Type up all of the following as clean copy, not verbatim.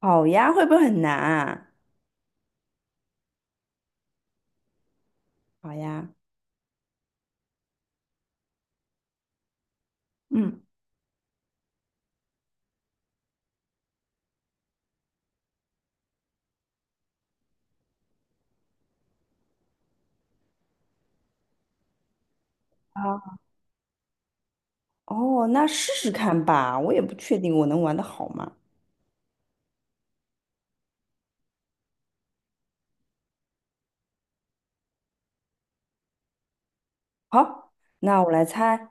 好呀，会不会很难啊？好呀，嗯，好，哦，那试试看吧，我也不确定我能玩得好吗？好，那我来猜，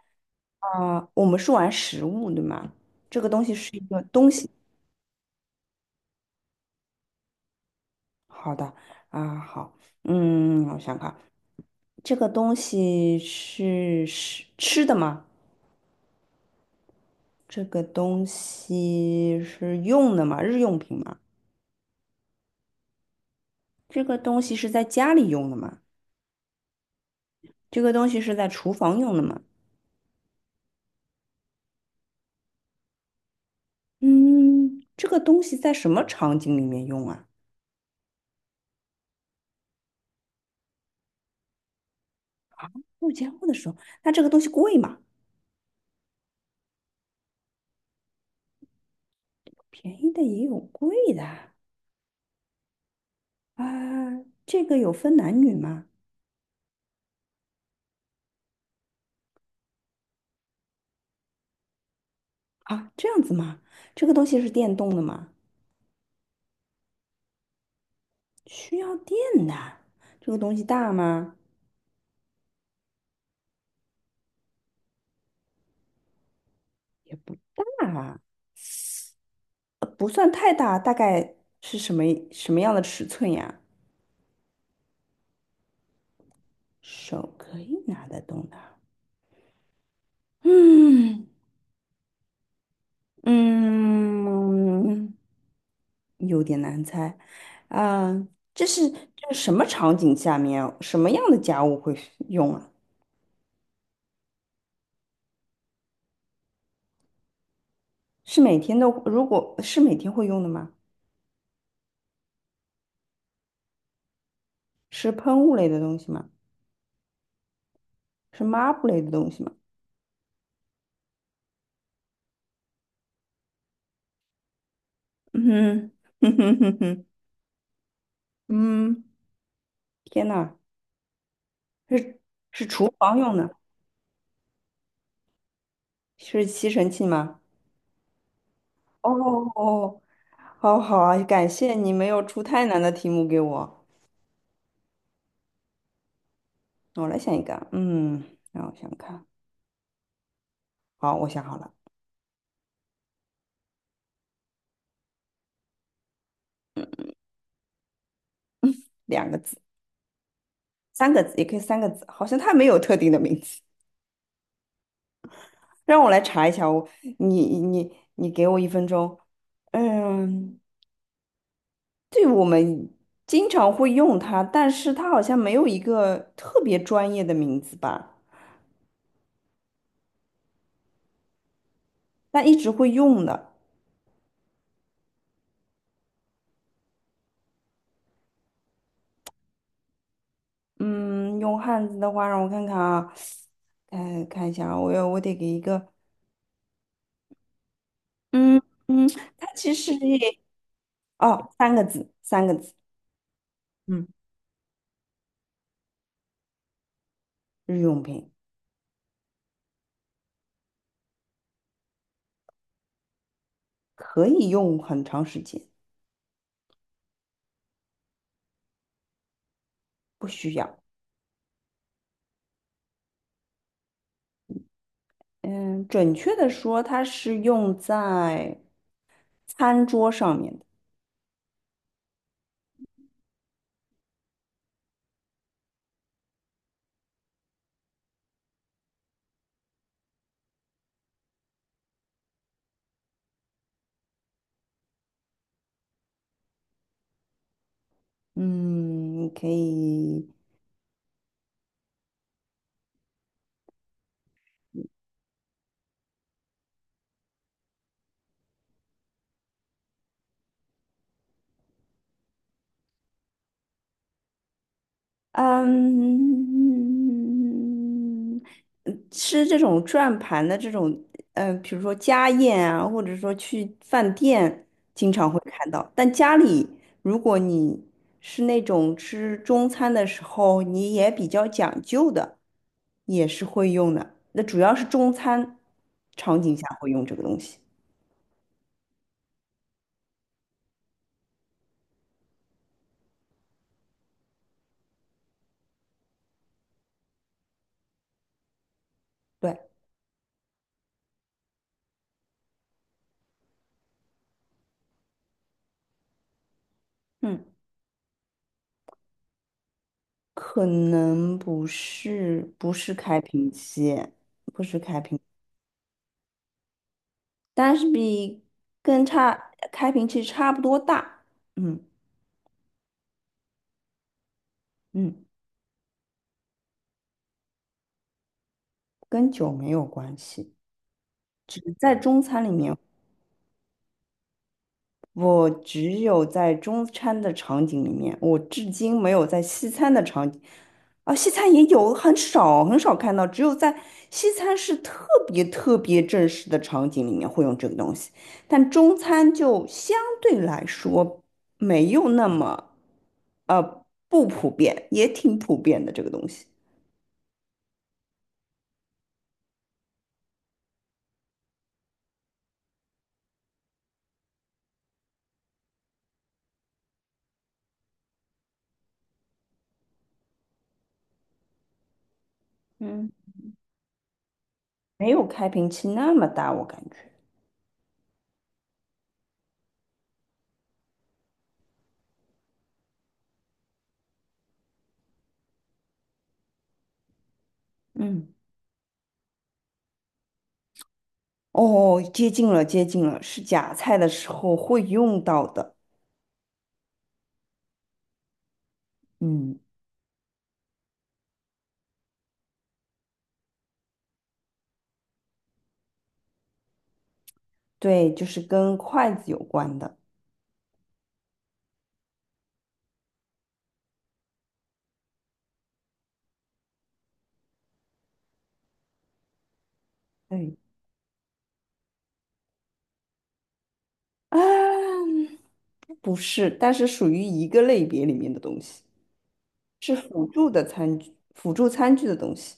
我们是玩食物对吗？这个东西是一个东西。好的，好，嗯，我想看，这个东西是吃的吗？这个东西是用的吗？日用品吗？这个东西是在家里用的吗？这个东西是在厨房用的吗？嗯，这个东西在什么场景里面用啊？物交的时候，那这个东西贵吗？便宜的也有贵的啊，啊，这个有分男女吗？啊，这样子吗？这个东西是电动的吗？需要电的。这个东西大吗？也不大啊，不算太大，大概是什么样的尺寸呀？手可以拿得动的。嗯嗯。有点难猜，啊、这是这是什么场景下面，什么样的家务会用啊？是每天都，如果是每天会用的吗？是喷雾类的东西吗？是抹布类的东西吗？嗯哼哼哼哼，嗯，天呐，是是厨房用的，是吸尘器吗？哦哦，好好啊，感谢你没有出太难的题目给我。我来想一个，嗯，让我想看，好，我想好了，两个字。三个字，也可以三个字，好像它没有特定的名字。让我来查一下，我你给我一分钟。嗯，对，我们经常会用它，但是它好像没有一个特别专业的名字吧，但一直会用的。嗯，用汉字的话，让我看看啊，看看一下啊，我得给一个，嗯嗯，它其实也哦，三个字，三个字，嗯，日用品可以用很长时间，不需要。嗯，准确的说，它是用在餐桌上面的。嗯，你可以，嗯，嗯吃这种转盘的这种，比如说家宴啊，或者说去饭店经常会看到。但家里，如果你是那种吃中餐的时候，你也比较讲究的，也是会用的。那主要是中餐场景下会用这个东西。对，嗯，可能不是开瓶器，但是跟开瓶器差不多大。嗯嗯，跟酒没有关系，只是在中餐里面。我只有在中餐的场景里面，我至今没有在西餐的场景，啊，西餐也有，很少看到，只有在西餐是特别正式的场景里面会用这个东西，但中餐就相对来说没有那么，不普遍，也挺普遍的这个东西，嗯没有开瓶器那么大，我感觉。嗯哦，接近了，接近了，是夹菜的时候会用到的。嗯，对，就是跟筷子有关的。对，啊，不是，但是属于一个类别里面的东西，是辅助的餐具，辅助餐具的东西。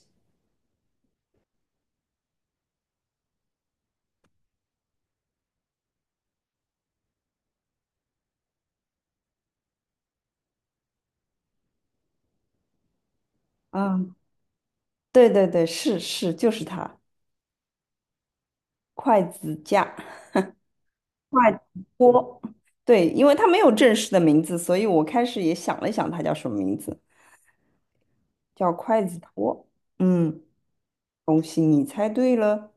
啊，对对对，是是，就是它，筷子架、筷子锅。对，因为它没有正式的名字，所以我开始也想了想，它叫什么名字，叫筷子托。嗯，恭喜你猜对了。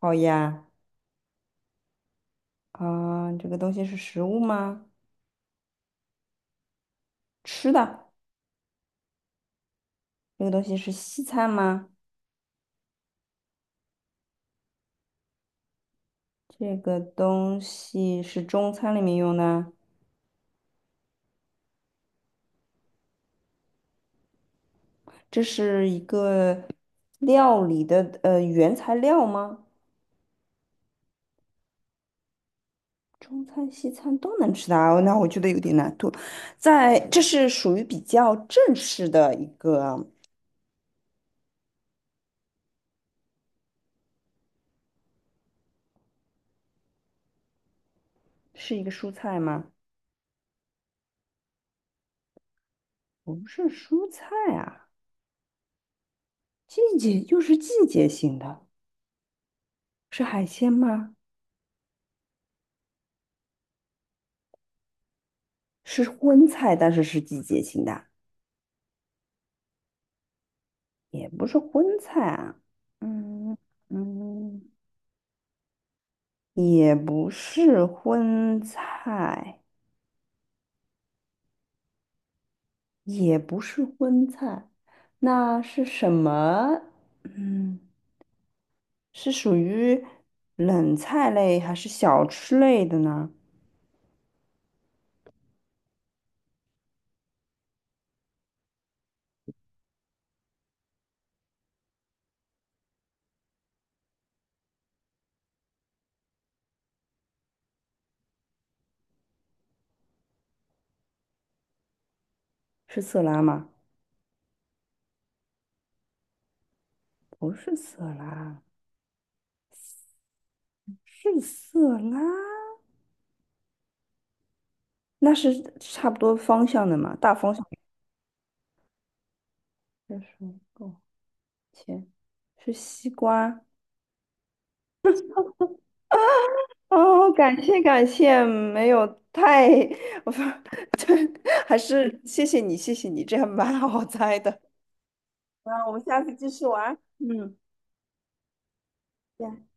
好呀，啊，这个东西是食物吗？吃的。这个东西是西餐吗？这个东西是中餐里面用的？这是一个料理的原材料吗？中餐、西餐都能吃的啊，那我觉得有点难度。在，这是属于比较正式的一个，是一个蔬菜吗？不是蔬菜啊，季节就是季节性的，是海鲜吗？是荤菜，但是是季节性的，也不是荤菜啊。嗯嗯，也不是荤菜，也不是荤菜，那是什么？嗯，是属于冷菜类还是小吃类的呢？是色拉吗？不是色拉，是色拉，那是差不多方向的嘛，大方向。这是个切，是西瓜，哦，感谢感谢，没有太，我对，还是谢谢你，谢谢你，这样蛮好猜的。那我们下次继续玩嗯，行。